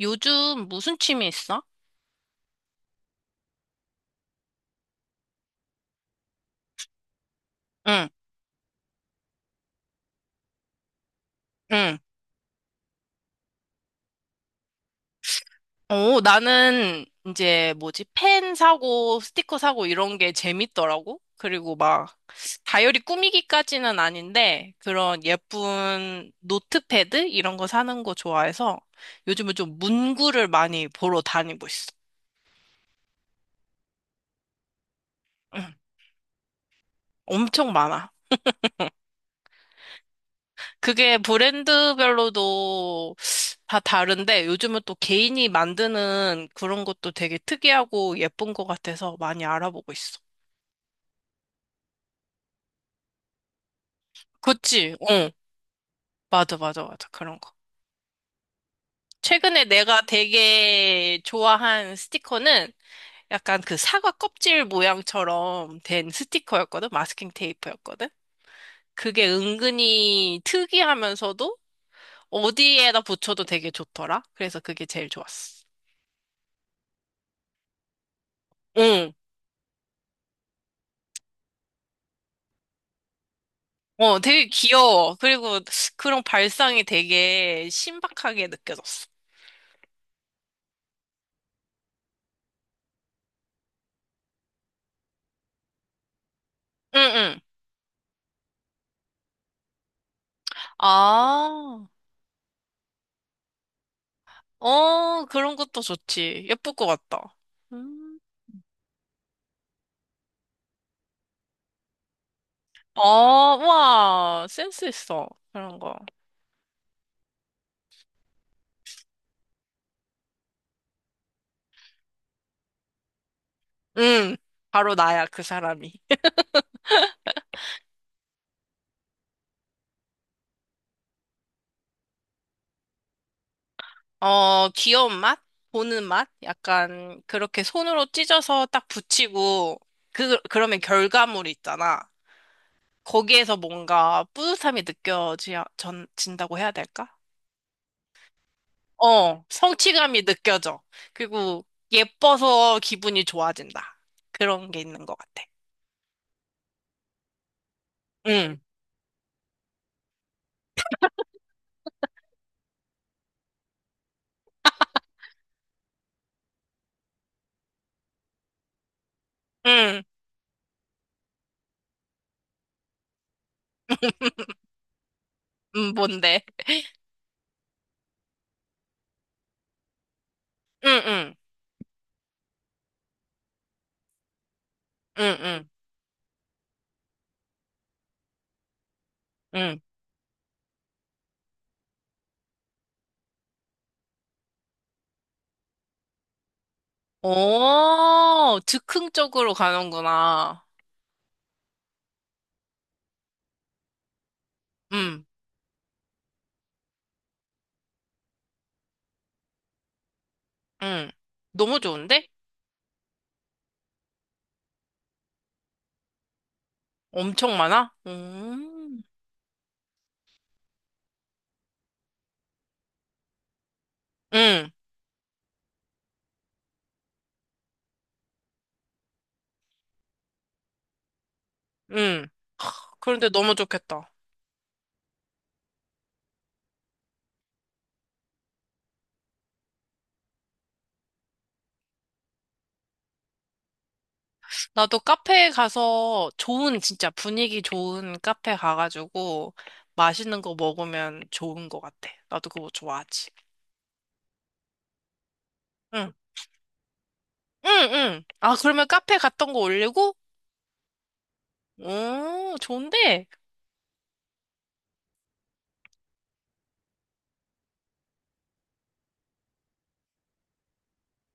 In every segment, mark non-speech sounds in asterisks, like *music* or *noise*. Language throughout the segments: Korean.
요즘 무슨 취미 있어? 응, 응. 오, 나는 이제 뭐지? 펜 사고, 스티커 사고 이런 게 재밌더라고. 그리고 막 다이어리 꾸미기까지는 아닌데 그런 예쁜 노트패드 이런 거 사는 거 좋아해서 요즘은 좀 문구를 많이 보러 다니고 있어. 응, 엄청 많아. 그게 브랜드별로도 다 다른데 요즘은 또 개인이 만드는 그런 것도 되게 특이하고 예쁜 것 같아서 많이 알아보고 있어. 그치? 어, 맞아, 맞아, 맞아. 그런 거. 최근에 내가 되게 좋아한 스티커는 약간 그 사과 껍질 모양처럼 된 스티커였거든? 마스킹 테이프였거든? 그게 은근히 특이하면서도 어디에다 붙여도 되게 좋더라. 그래서 그게 제일 좋았어. 응. 어, 되게 귀여워. 그리고 그런 발상이 되게 신박하게 느껴졌어. 응, 응. 아, 어, 그런 것도 좋지. 예쁠 것 같다. 음. 어, 와, 센스 있어. 그런 거. 응, 바로 나야, 그 사람이. *laughs* 어, 귀여운 맛? 보는 맛? 약간, 그렇게 손으로 찢어서 딱 붙이고, 그러면 결과물 있잖아. 거기에서 뭔가 뿌듯함이 느껴진다고 해야 될까? 어, 성취감이 느껴져. 그리고 예뻐서 기분이 좋아진다. 그런 게 있는 것 같아. 응, 응, *laughs* 뭔데? 응, 응, 응, 응, 응. 어, 즉흥 쪽으로 가는구나. 응, 응. 너무 좋은데? 엄청 많아? 응, 응. 그런데 너무 좋겠다. 나도 카페에 가서 좋은, 진짜 분위기 좋은 카페 가가지고 맛있는 거 먹으면 좋은 것 같아. 나도 그거 좋아하지. 응, 응, 응. 아, 그러면 카페 갔던 거 올리고? 오, 좋은데?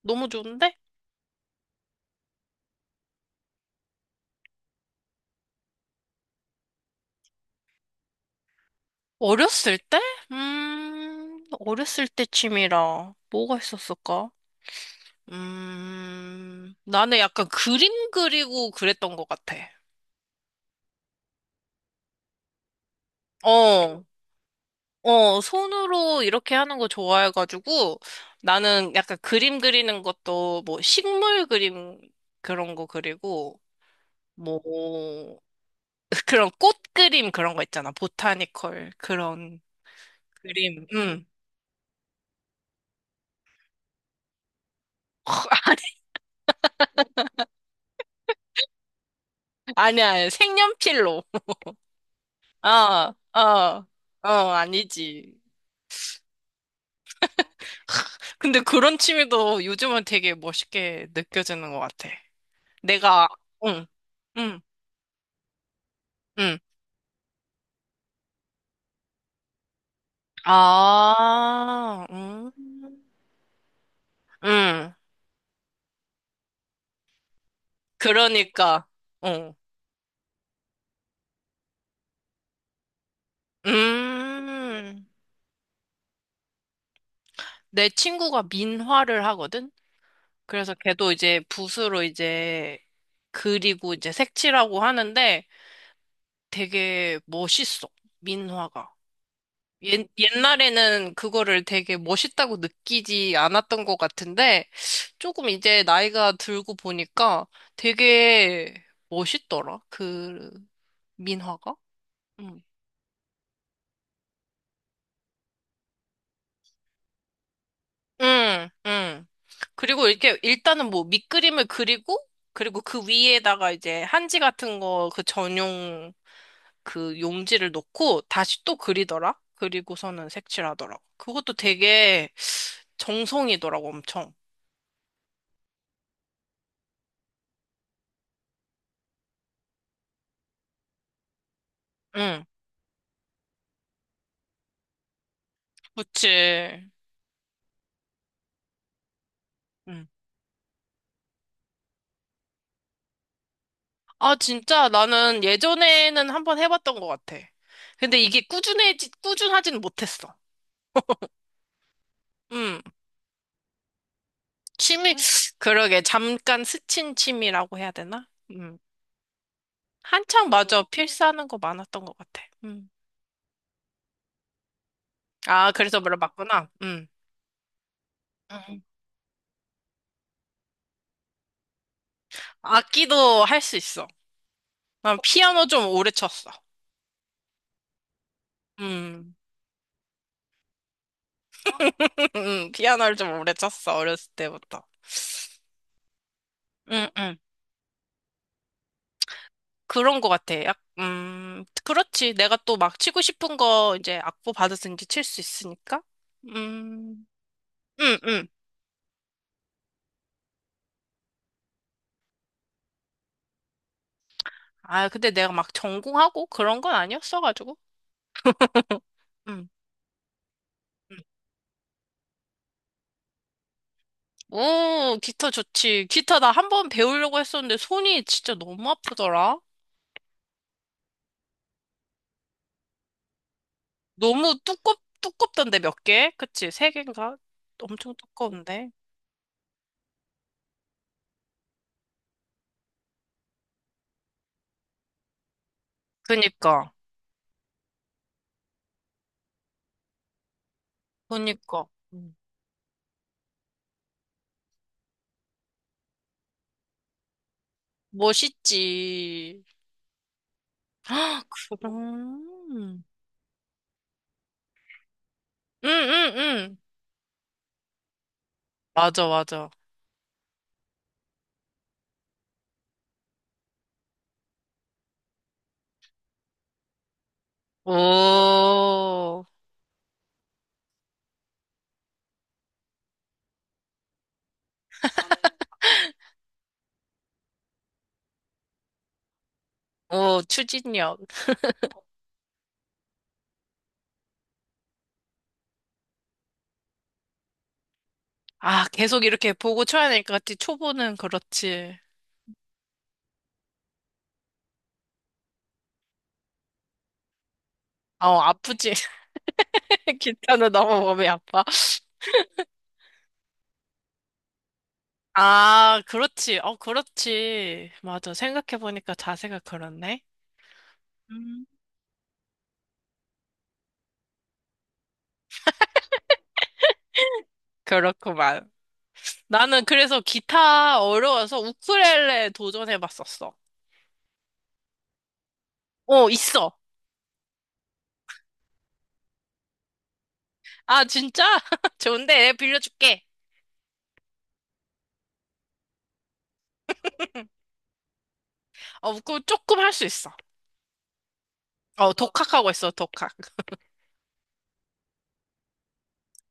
너무 좋은데? 어렸을 때? 어렸을 때 취미라 뭐가 있었을까? 나는 약간 그림 그리고 그랬던 것 같아. 어, 어, 손으로 이렇게 하는 거 좋아해가지고 나는 약간 그림 그리는 것도 뭐 식물 그림 그런 거 그리고 뭐 *laughs* 그런 꽃 그림 그런 거 있잖아. 보타니컬 그런 그림. 음. *laughs* 아니, 아니야. 색연필로. 아, 아, 어, 아니지. 근데 그런 취미도 요즘은 되게 멋있게 느껴지는 것 같아. 내가, 응, 응, 응. 아, 응, 응. 그러니까, 어, 음. 내 친구가 민화를 하거든? 그래서 걔도 이제 붓으로 이제 그리고 이제 색칠하고 하는데 되게 멋있어, 민화가. 옛날에는 그거를 되게 멋있다고 느끼지 않았던 것 같은데, 조금 이제 나이가 들고 보니까 되게 멋있더라, 그 민화가? 응, 응, 응. 그리고 이렇게 일단은 뭐 밑그림을 그리고, 그리고 그 위에다가 이제 한지 같은 거 그 전용 그 용지를 놓고 다시 또 그리더라? 그리고서는 색칠하더라고. 그것도 되게 정성이더라고, 엄청. 응, 그치. 음. 아, 진짜 나는 예전에는 한번 해봤던 것 같아. 근데 이게 꾸준하진 못했어. 음, 취미, 그러게, 잠깐 스친 취미라고 해야 되나? 한창 맞아, 필사하는 거 많았던 것 같아. 음. 아, 그래서 물어봤구나. 음. 음. 악기도 할 수 있어. 난 피아노 좀 오래 쳤어. 음, *laughs* 피아노를 좀 오래 쳤어, 어렸을 때부터. 응, 응. 그런 것 같아. 그렇지. 내가 또 막 치고 싶은 거 이제 악보 받았으 이제 칠 수 있으니까. 음, 음, 음. 아, 근데 내가 막 전공하고 그런 건 아니었어가지고. 음, 음. 오, 기타 좋지. 기타 나 한 번 배우려고 했었는데 손이 진짜 너무 아프더라. 너무 두껍던데 몇 개? 그치? 세 개인가? 엄청 두꺼운데. 그니까, 그니까. 음. 멋있지. *gasps* 아, 그럼. 응, 응, 응. 맞아, 맞아. 오, 오, 추진력. 아, 계속 이렇게 보고 쳐야 될 것 같지. 초보는 그렇지. 어, 아프지. *laughs* 기타는 너무 몸이 아파. 아, 그렇지. 어, 그렇지. 맞아. 생각해보니까 자세가 그렇네. 음. 그렇구만. 나는 그래서 기타 어려워서 우쿨렐레 도전해봤었어. 어, 있어. 아, 진짜? *laughs* 좋은데, 빌려줄게. 어, 우쿨 조금 할 수 있어. 어, 독학하고 있어, 독학.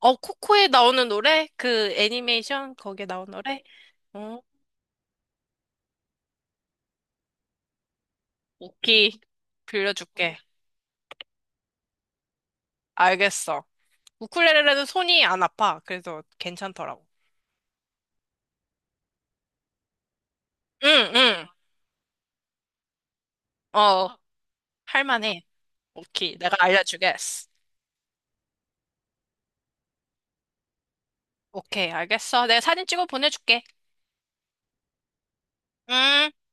어, 코코에 나오는 노래? 그 애니메이션 거기에 나온 노래? 어, 오키 빌려줄게. 알겠어. 우쿨렐레는 손이 안 아파. 그래서 괜찮더라고. 응, 응. 어, 할만해. 오키. 내가 알려주겠어. 오케이, 알겠어. 내가 사진 찍어 보내줄게. 음.